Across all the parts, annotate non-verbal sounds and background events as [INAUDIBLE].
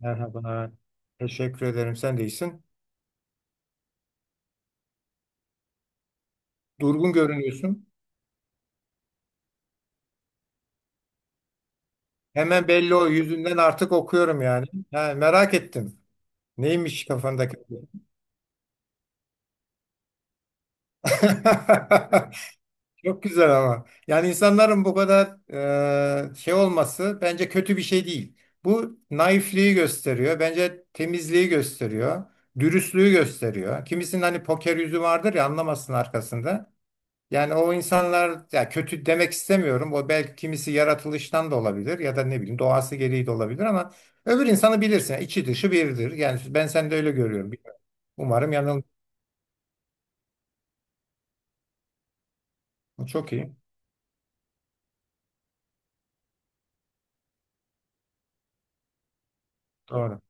Merhaba. Teşekkür ederim. Sen de iyisin. Durgun görünüyorsun. Hemen belli o yüzünden artık okuyorum yani. Ha, merak ettim. Neymiş kafandaki? [LAUGHS] Çok güzel ama. Yani insanların bu kadar şey olması bence kötü bir şey değil. Bu naifliği gösteriyor. Bence temizliği gösteriyor. Dürüstlüğü gösteriyor. Kimisinin hani poker yüzü vardır ya anlamasın arkasında. Yani o insanlar ya kötü demek istemiyorum. O belki kimisi yaratılıştan da olabilir ya da ne bileyim doğası gereği de olabilir ama öbür insanı bilirsin. Yani içi dışı biridir. Yani ben seni de öyle görüyorum. Bilmiyorum. Umarım yanılmıyorum. Çok iyi. Doğru.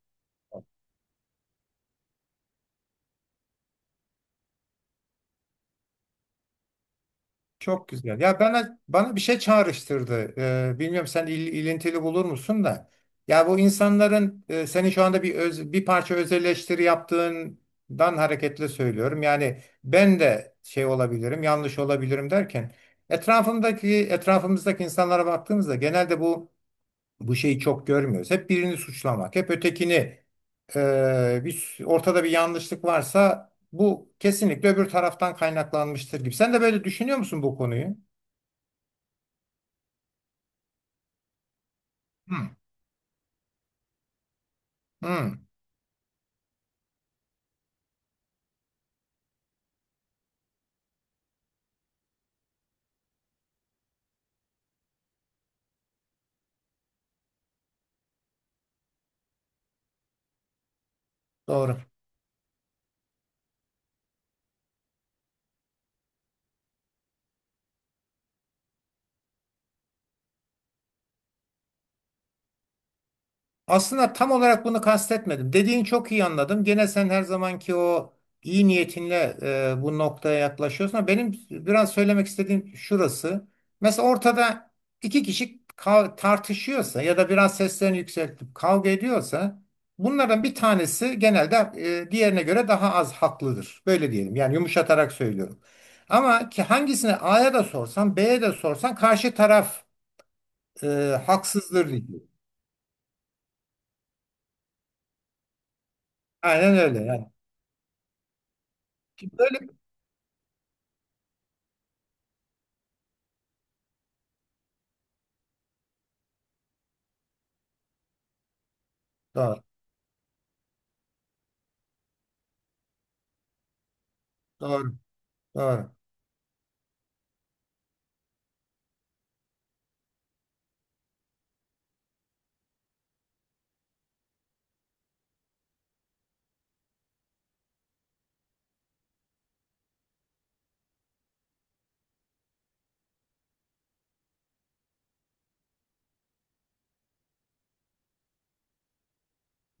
Çok güzel. Ya bana bir şey çağrıştırdı. Bilmiyorum sen ilintili bulur musun da. Ya bu insanların senin şu anda bir bir parça öz eleştiri yaptığından hareketle söylüyorum. Yani ben de şey olabilirim, yanlış olabilirim derken etrafımızdaki insanlara baktığımızda genelde bu şeyi çok görmüyoruz. Hep birini suçlamak, hep ötekini, bir, ortada bir yanlışlık varsa bu kesinlikle öbür taraftan kaynaklanmıştır gibi. Sen de böyle düşünüyor musun bu konuyu? Hmm. Hı, doğru. Aslında tam olarak bunu kastetmedim. Dediğin çok iyi anladım. Gene sen her zamanki o iyi niyetinle, bu noktaya yaklaşıyorsun. Ama benim biraz söylemek istediğim şurası. Mesela ortada iki kişi tartışıyorsa ya da biraz seslerini yükseltip kavga ediyorsa bunlardan bir tanesi genelde, diğerine göre daha az haklıdır. Böyle diyelim. Yani yumuşatarak söylüyorum. Ama ki hangisine A'ya da sorsan B'ye de sorsan karşı taraf, e, haksızdır diyor. Aynen öyle yani. Böyle Doğru, doğru, doğru.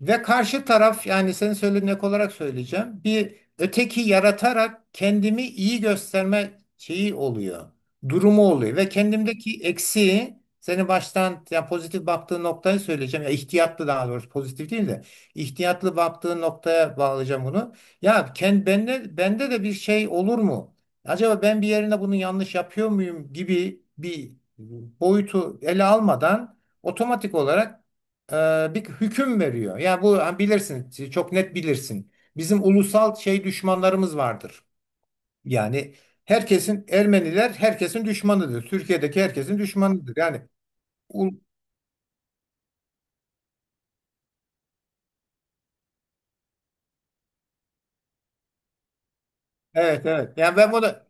Ve karşı taraf yani senin söylediğin ek olarak söyleyeceğim. Bir öteki yaratarak kendimi iyi gösterme şeyi oluyor. Durumu oluyor ve kendimdeki eksiği senin baştan yani pozitif baktığın noktayı söyleyeceğim. Ya ihtiyatlı, daha doğrusu pozitif değil de ihtiyatlı baktığın noktaya bağlayacağım bunu. Ya kendi bende de bir şey olur mu? Acaba ben bir yerine bunu yanlış yapıyor muyum gibi bir boyutu ele almadan otomatik olarak bir hüküm veriyor. Ya bu ha, bilirsin, çok net bilirsin. Bizim ulusal şey düşmanlarımız vardır. Yani herkesin Ermeniler herkesin düşmanıdır. Türkiye'deki herkesin düşmanıdır. Yani ul- evet evet. Yani ben bunu,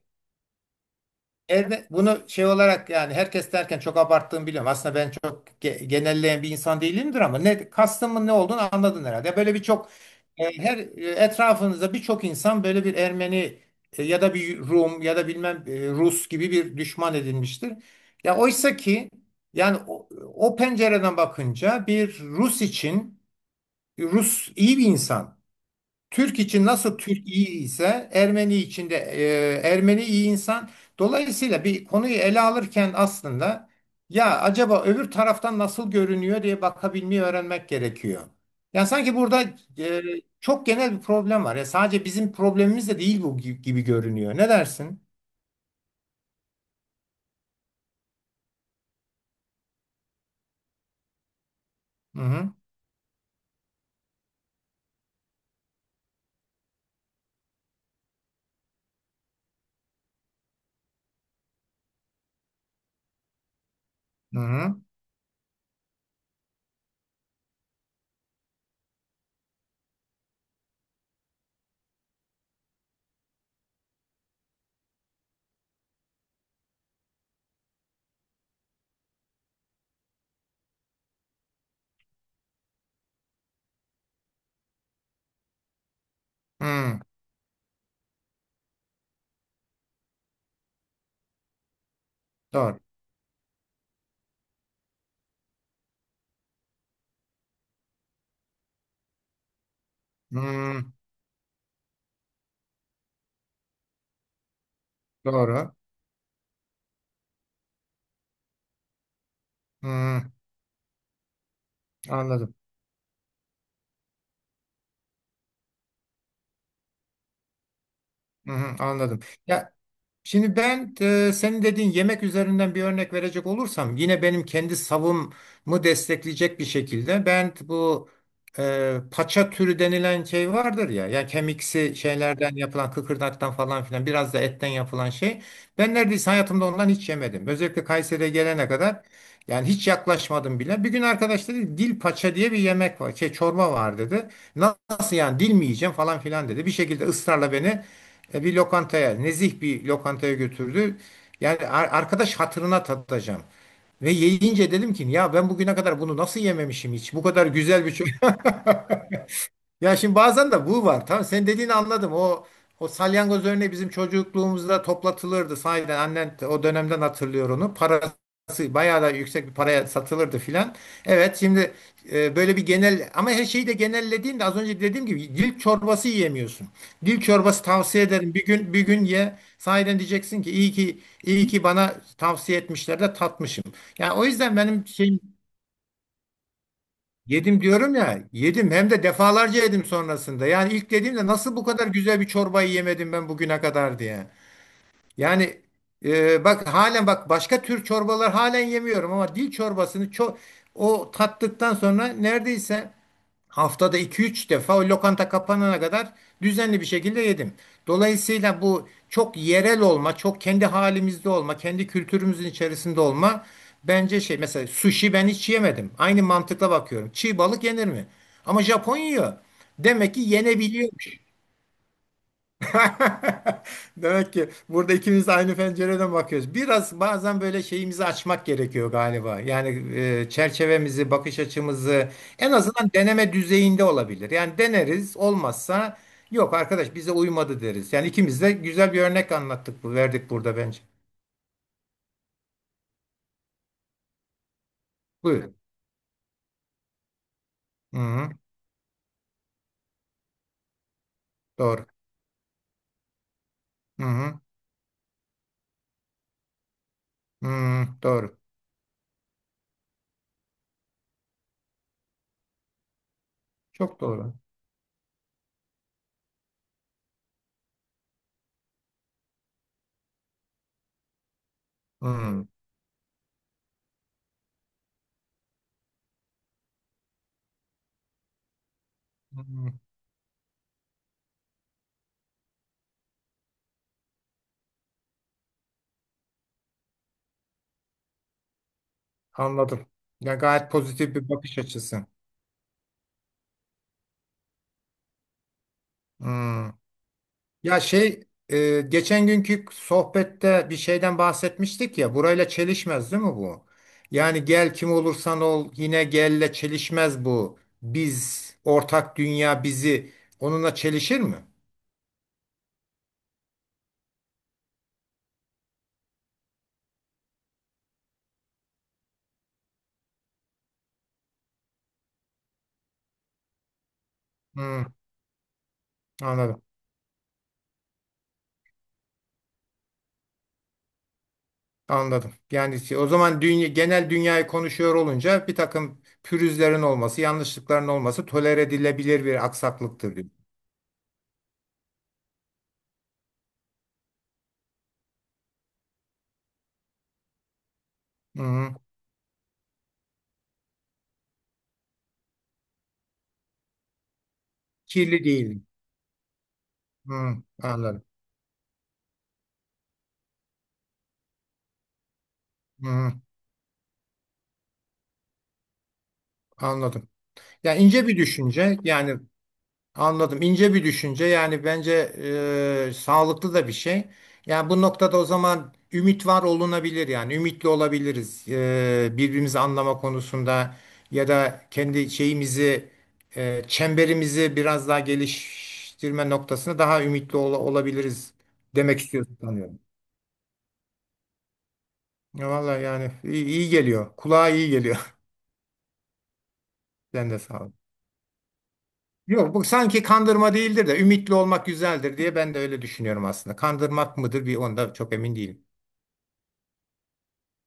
evet, bunu şey olarak yani herkes derken çok abarttığımı biliyorum. Aslında ben çok genelleyen bir insan değilimdir ama ne kastımın ne olduğunu anladın herhalde. Böyle birçok, etrafınızda birçok insan böyle bir Ermeni, ya da bir Rum ya da bilmem Rus gibi bir düşman edinmiştir. Ya oysa ki yani o pencereden bakınca bir Rus için Rus iyi bir insan. Türk için nasıl Türk iyi ise Ermeni için de, Ermeni iyi insan. Dolayısıyla bir konuyu ele alırken aslında ya acaba öbür taraftan nasıl görünüyor diye bakabilmeyi öğrenmek gerekiyor. Yani sanki burada, e, çok genel bir problem var. Ya sadece bizim problemimiz de değil bu gibi görünüyor. Ne dersin? Hı hı. Hı hı. Hı. Doğru. Hı. Doğru. Hı. Anladım. Hı hı. Anladım. Şimdi ben, senin dediğin yemek üzerinden bir örnek verecek olursam yine benim kendi savımı destekleyecek bir şekilde ben bu, paça türü denilen şey vardır ya ya kemiksi şeylerden yapılan kıkırdaktan falan filan biraz da etten yapılan şey. Ben neredeyse hayatımda ondan hiç yemedim. Özellikle Kayseri'ye gelene kadar yani hiç yaklaşmadım bile. Bir gün arkadaş dedi dil paça diye bir yemek var şey çorba var dedi. Nasıl yani dil mi yiyeceğim falan filan dedi. Bir şekilde ısrarla beni, bir lokantaya, nezih bir lokantaya götürdü. Yani arkadaş hatırına tatacağım. Ve yiyince dedim ki ya ben bugüne kadar bunu nasıl yememişim hiç? Bu kadar güzel bir ya şimdi bazen de bu var. Tamam sen dediğini anladım. O salyangoz örneği bizim çocukluğumuzda toplatılırdı. Sahiden annen de o dönemden hatırlıyor onu. Parası bayağı da yüksek bir paraya satılırdı filan. Evet şimdi, böyle bir genel ama her şeyi de genellediğinde az önce dediğim gibi dil çorbası yiyemiyorsun. Dil çorbası tavsiye ederim. Bir gün bir gün ye. Sahiden diyeceksin ki iyi ki iyi ki bana tavsiye etmişler de tatmışım. Yani o yüzden benim şeyim Yedim diyorum ya, yedim hem de defalarca yedim sonrasında. Yani ilk dediğimde nasıl bu kadar güzel bir çorbayı yemedim ben bugüne kadar diye. Yani, bak halen bak başka tür çorbalar halen yemiyorum ama dil çorbasını çok o tattıktan sonra neredeyse haftada iki üç defa o lokanta kapanana kadar düzenli bir şekilde yedim. Dolayısıyla bu çok yerel olma, çok kendi halimizde olma, kendi kültürümüzün içerisinde olma bence şey mesela sushi ben hiç yemedim. Aynı mantıkla bakıyorum. Çiğ balık yenir mi? Ama Japon yiyor. Demek ki yenebiliyor. [LAUGHS] Demek ki burada ikimiz de aynı pencereden bakıyoruz. Biraz bazen böyle şeyimizi açmak gerekiyor galiba. Yani, çerçevemizi, bakış açımızı en azından deneme düzeyinde olabilir. Yani deneriz, olmazsa yok arkadaş bize uymadı deriz. Yani ikimiz de güzel bir örnek anlattık, bu verdik burada bence. Buyurun. Hı hı, doğru. Hı hı, hı, doğru. Çok doğru. Hı hı. Anladım. Ya gayet pozitif bir bakış açısı. Hı. Ya şey, geçen günkü sohbette bir şeyden bahsetmiştik ya burayla çelişmez değil mi bu? Yani gel kim olursan ol yine gelle çelişmez bu. Biz ortak dünya bizi onunla çelişir mi? Hmm, anladım. Anladım. Yani o zaman dünya, genel dünyayı konuşuyor olunca bir takım pürüzlerin olması, yanlışlıkların olması tolere edilebilir bir aksaklıktır diyor. Hmm, kirli değil. Hmm, anladım. Hmm, anladım. Yani ince bir düşünce. Yani anladım. İnce bir düşünce. Yani bence, sağlıklı da bir şey. Yani bu noktada o zaman ümit var olunabilir yani. Ümitli olabiliriz. E, birbirimizi anlama konusunda ya da kendi şeyimizi, çemberimizi biraz daha geliştirme noktasında daha ümitli olabiliriz demek istiyorsun sanıyorum. Ya vallahi yani iyi, iyi geliyor. Kulağa iyi geliyor. [LAUGHS] Sen de sağ ol. Yok bu sanki kandırma değildir de ümitli olmak güzeldir diye ben de öyle düşünüyorum aslında. Kandırmak mıdır bir onda çok emin değilim.